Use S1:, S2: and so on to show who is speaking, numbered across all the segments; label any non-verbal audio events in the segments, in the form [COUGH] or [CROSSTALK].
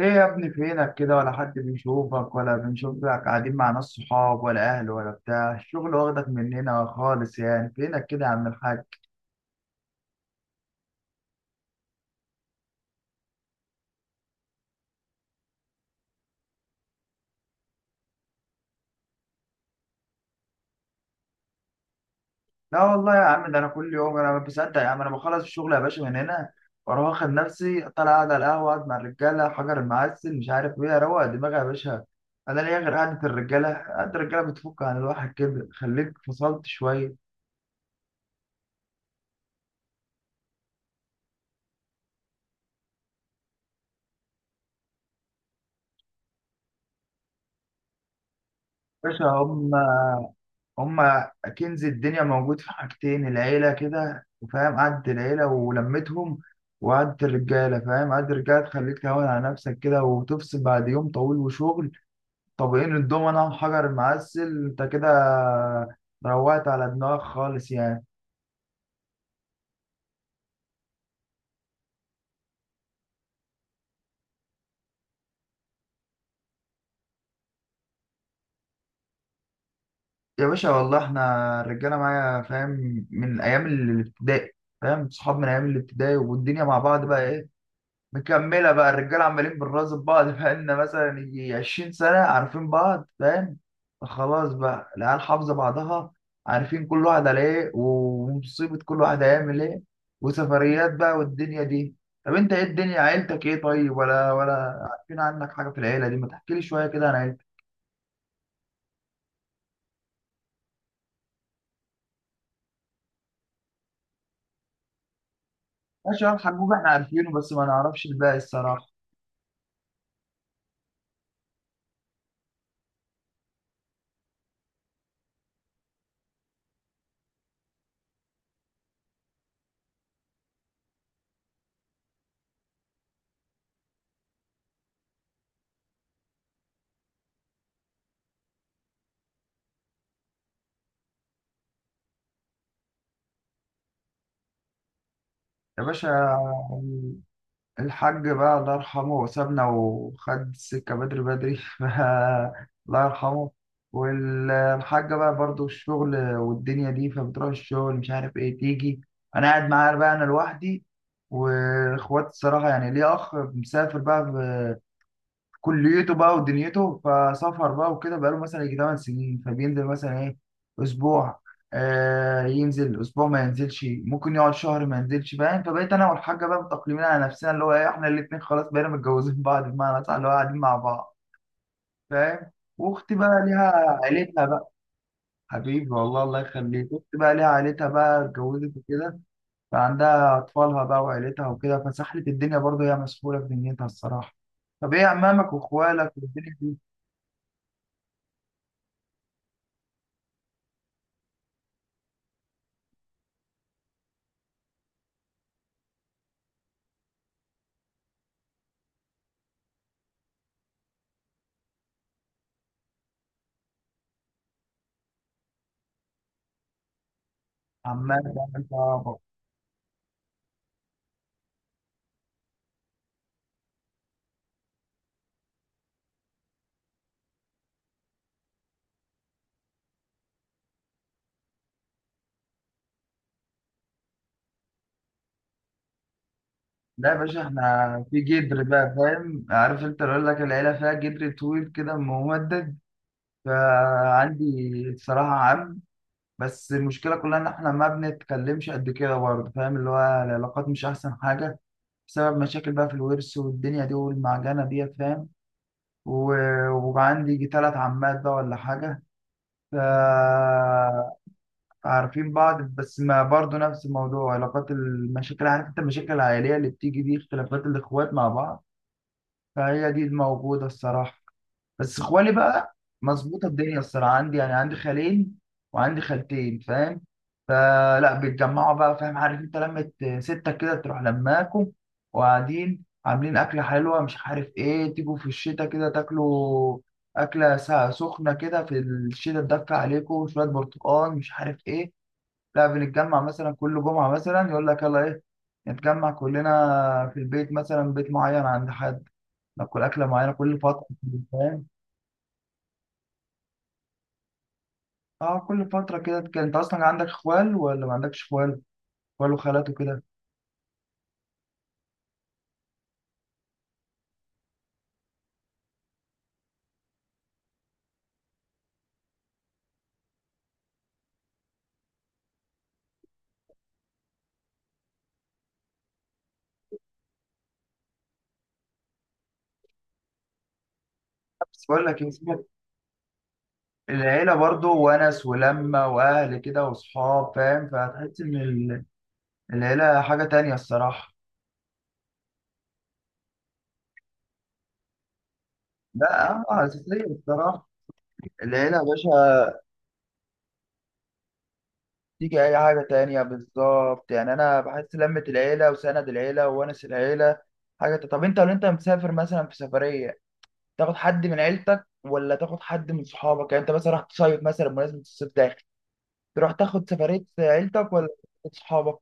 S1: ايه يا ابني فينك كده؟ ولا حد بيشوفك ولا بنشوفك، قاعدين مع ناس، صحاب ولا اهل ولا بتاع الشغل، واخدك مننا خالص يعني. فينك كده يا عم الحاج؟ لا والله يا عم، ده انا كل يوم انا ما بصدق يا عم، انا بخلص الشغل يا باشا من هنا واروح واخد نفسي طالع، قاعد على القهوه، اقعد مع الرجاله، حجر المعسل، مش عارف ايه، اروق دماغي يا باشا. انا ليا غير قعده الرجاله، قعده الرجاله بتفك عن الواحد كده، خليك فصلت شويه. باشا، هم هما كنز الدنيا، موجود في حاجتين: العيلة كده، وفاهم قعدة العيلة ولمتهم، وقعدة الرجالة، فاهم قعدة الرجالة تخليك تهون على نفسك كده، وتفصل بعد يوم طويل وشغل، طابقين الدومنة وحجر المعسل، انت كده روقت على دماغك خالص يعني. يا باشا والله احنا الرجالة معايا فاهم، من أيام الابتدائي. فاهم؟ صحاب من أيام الابتدائي، والدنيا مع بعض بقى ايه، مكملة بقى. الرجالة عمالين بنراقب بعض، بقالنا مثلا يجي 20 سنة عارفين بعض، فاهم. خلاص بقى العيال حافظة بعضها، عارفين كل واحد على ايه، ومصيبة كل واحد هيعمل ايه، وسفريات بقى والدنيا دي. طب انت ايه الدنيا؟ عيلتك ايه طيب؟ ولا عارفين عنك حاجة في العيلة دي، ما تحكي لي شوية كده عن عيلتك. ماشي يا الحجوج، احنا عارفينه بس ما نعرفش الباقي الصراحة. يا باشا، يعني الحاج بقى الله يرحمه وسابنا وخد السكة بدري بدري [LAUGHS] بقى الله يرحمه. والحاجة بقى برضو الشغل والدنيا دي، فبتروح الشغل مش عارف ايه تيجي، انا قاعد، معايا بقى انا لوحدي. واخواتي الصراحة يعني ليه اخ مسافر بقى كليته بقى ودنيته، فسافر بقى وكده، بقاله مثلا يجي 8 سنين، فبينزل مثلا ايه، اسبوع. آه، ينزل اسبوع، ما ينزلش، ممكن يقعد شهر ما ينزلش، فاهم. فبقيت انا والحاجه بقى متأقلمين على نفسنا، اللي هو ايه، احنا الاثنين خلاص بقينا متجوزين [LAUGHS] بعض، بمعنى صح، اللي هو قاعدين مع بعض، فاهم. واختي بقى ليها عيلتها بقى. حبيبي والله الله يخليك، اختي بقى ليها عيلتها بقى، اتجوزت وكده، فعندها اطفالها بقى وعيلتها وكده، فسحلت الدنيا برضه، هي مسحوله في دنيتها الصراحه. طب ايه عمامك واخوالك والدنيا، عمال بقى انت عبط؟ لا يا باشا، احنا في جدر بقى، فاهم عارف انت، اللي اقول لك العيله فيها جدر طويل كده ممدد، فعندي الصراحه عم، بس المشكله كلها ان احنا ما بنتكلمش قد كده برضه، فاهم، اللي هو العلاقات مش احسن حاجه، بسبب مشاكل بقى في الورث والدنيا دي والمعجنه دي، فاهم. وعندي ثلاث عمات بقى ولا حاجه، ف عارفين بعض، بس ما برضه نفس الموضوع، علاقات المشاكل، عارف انت المشاكل العائلية اللي بتيجي دي، اختلافات الاخوات مع بعض، فهي دي الموجودة الصراحة. بس اخوالي بقى مظبوطة الدنيا الصراحة، عندي يعني عندي خالين وعندي خالتين، فاهم. فلا بيتجمعوا بقى، فاهم، عارف انت لمة ستة كده، تروح لماكم وقاعدين عاملين أكلة حلوة مش عارف ايه، تيجوا في الشتاء كده تاكلوا أكلة سخنة كده في الشتاء تدفى عليكم، شوية برتقال مش عارف ايه. لا، بنتجمع مثلا كل جمعة، مثلا يقول لك يلا ايه نتجمع كلنا في البيت، مثلا بيت معين عند حد ناكل أكلة معينة كل فترة، فاهم. اه، كل فترة كده كان. انت اصلا عندك اخوال ولا ما عندكش اخوال؟ اخوال وخالات وكده. بس بقول لك ايه، العيلة برضو ونس ولمة واهل كده وصحاب، فاهم، فهتحس ان العيلة حاجة تانية الصراحة. لا، اه اساسية الصراحة العيلة يا باشا، تيجي اي حاجه تانية، بالظبط يعني. انا بحس لمة العيله وسند العيله وونس العيله حاجه طب انت لو انت مسافر مثلا في سفريه، تاخد حد من عيلتك ولا تاخد حد من صحابك؟ يعني انت مثلا رحت تصيف، مثلا بمناسبه الصيف داخل، تروح تاخد سفريه عيلتك ولا صحابك؟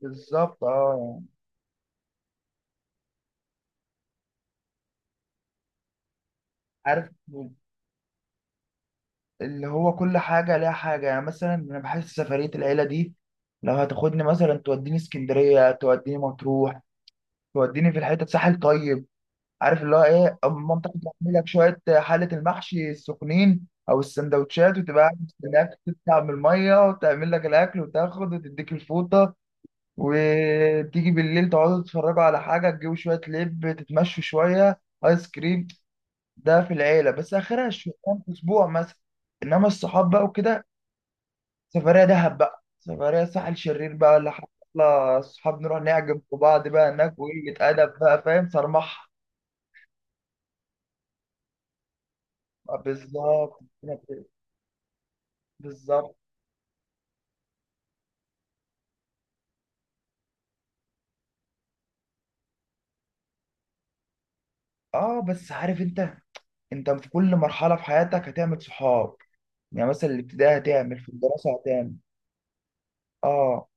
S1: بالظبط اه، يعني عارف اللي هو كل حاجه ليها حاجه، يعني مثلا انا بحس سفريه العيله دي، لو هتاخدني مثلا توديني اسكندريه، توديني مطروح، توديني في الحته ساحل طيب، عارف اللي هو ايه، مامتك تعمل لك شويه حله المحشي السخنين او السندوتشات، وتبقى قاعد مستناك تطلع من الميه، وتعمل لك الاكل، وتاخد وتديك الفوطه، وتيجي بالليل تقعدوا تتفرجوا على حاجه، تجيبوا شويه لب، تتمشوا شويه، ايس كريم. ده في العيله، بس اخرها الشغلان في اسبوع مثلا. انما الصحاب بقى وكده، سفريه دهب بقى، سفريه ساحل شرير بقى ولا حاجه، يلا الصحاب نروح نعجب في بعض بقى هناك، وقله ادب بقى، فاهم، صرمحه. بالظبط بالظبط اه. بس عارف انت، انت في كل مرحله في حياتك هتعمل صحاب، يعني مثلا الابتدائي هتعمل، في الدراسه هتعمل، اه.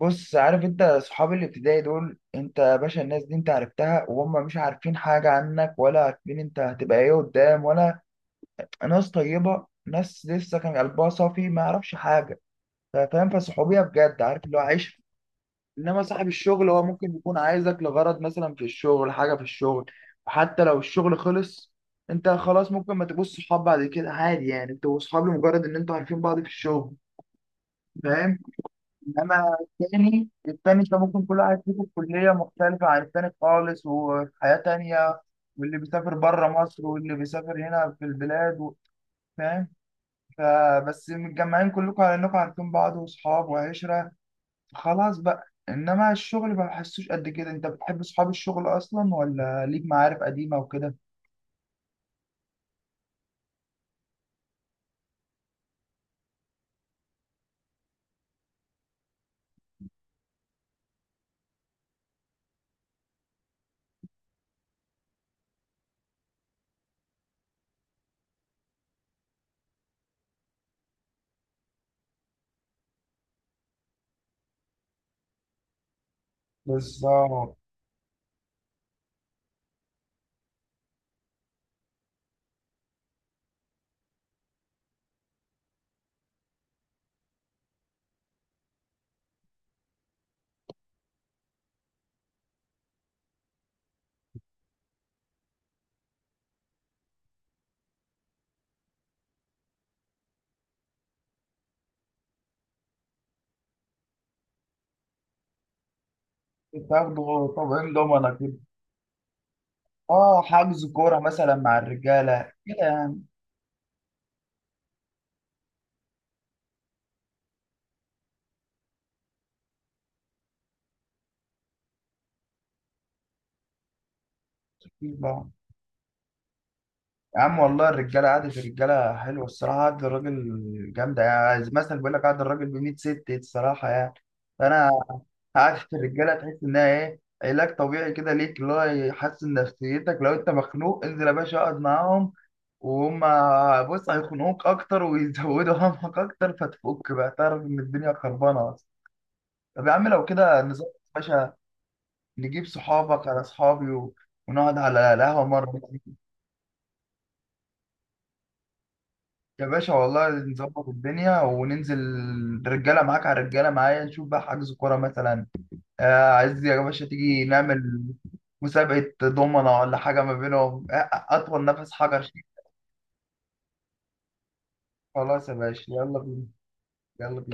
S1: بص عارف انت، صحاب الابتدائي دول، انت يا باشا الناس دي انت عرفتها وهم مش عارفين حاجه عنك، ولا عارفين انت هتبقى ايه قدام ولا، ناس طيبه، ناس لسه كان قلبها صافي ما يعرفش حاجه، فاهم، فالصحوبيه بجد، عارف اللي هو عيش. انما صاحب الشغل هو ممكن يكون عايزك لغرض، مثلا في الشغل، حاجه في الشغل، وحتى لو الشغل خلص، انت خلاص ممكن ما تبقوش صحاب بعد كده عادي، يعني انتوا صحاب لمجرد ان انتوا عارفين بعض في الشغل، فاهم. انما التاني، انت ممكن كل واحد فيكم في كليه مختلفه عن التاني خالص، وفي حياه تانيه، واللي بيسافر بره مصر، واللي بيسافر هنا في البلاد فاهم، فبس متجمعين كلكم على انكم عارفين بعض واصحاب وعشره، خلاص بقى. انما الشغل ما بحسوش قد كده، انت بتحب اصحاب الشغل اصلا ولا ليك معارف قديمه وكده؟ بالظبط، بتاخده طبعا ضمنة كده، اه، حجز كوره مثلا مع الرجاله كده، يعني أكيد بقى. يا عم والله الرجاله، قعده الرجاله حلوه الصراحه، قعده الراجل جامده، يعني مثلا بيقول لك قعده الراجل ب 100 ست الصراحه، يعني فانا عارف الرجاله، تحس انها ايه، علاج طبيعي كده ليك، اللي هو يحسن نفسيتك، لو انت مخنوق انزل يا باشا اقعد معاهم، وهم بص هيخنقوك اكتر [LAUGHS] ويزودوا همك اكتر، فتفك بقى، تعرف ان الدنيا خربانه اصلا. طب يا عم لو كده نظبط يا باشا، نجيب صحابك على اصحابي ونقعد على القهوه مره. يا باشا والله نظبط الدنيا وننزل، رجاله معاك على رجاله معايا، نشوف بقى حجز كوره مثلا، عايز يا باشا تيجي نعمل مسابقة دومنا ولا حاجة ما بينهم، أطول نفس حجر شيل. خلاص يا باشا يلا بينا. يلا بينا.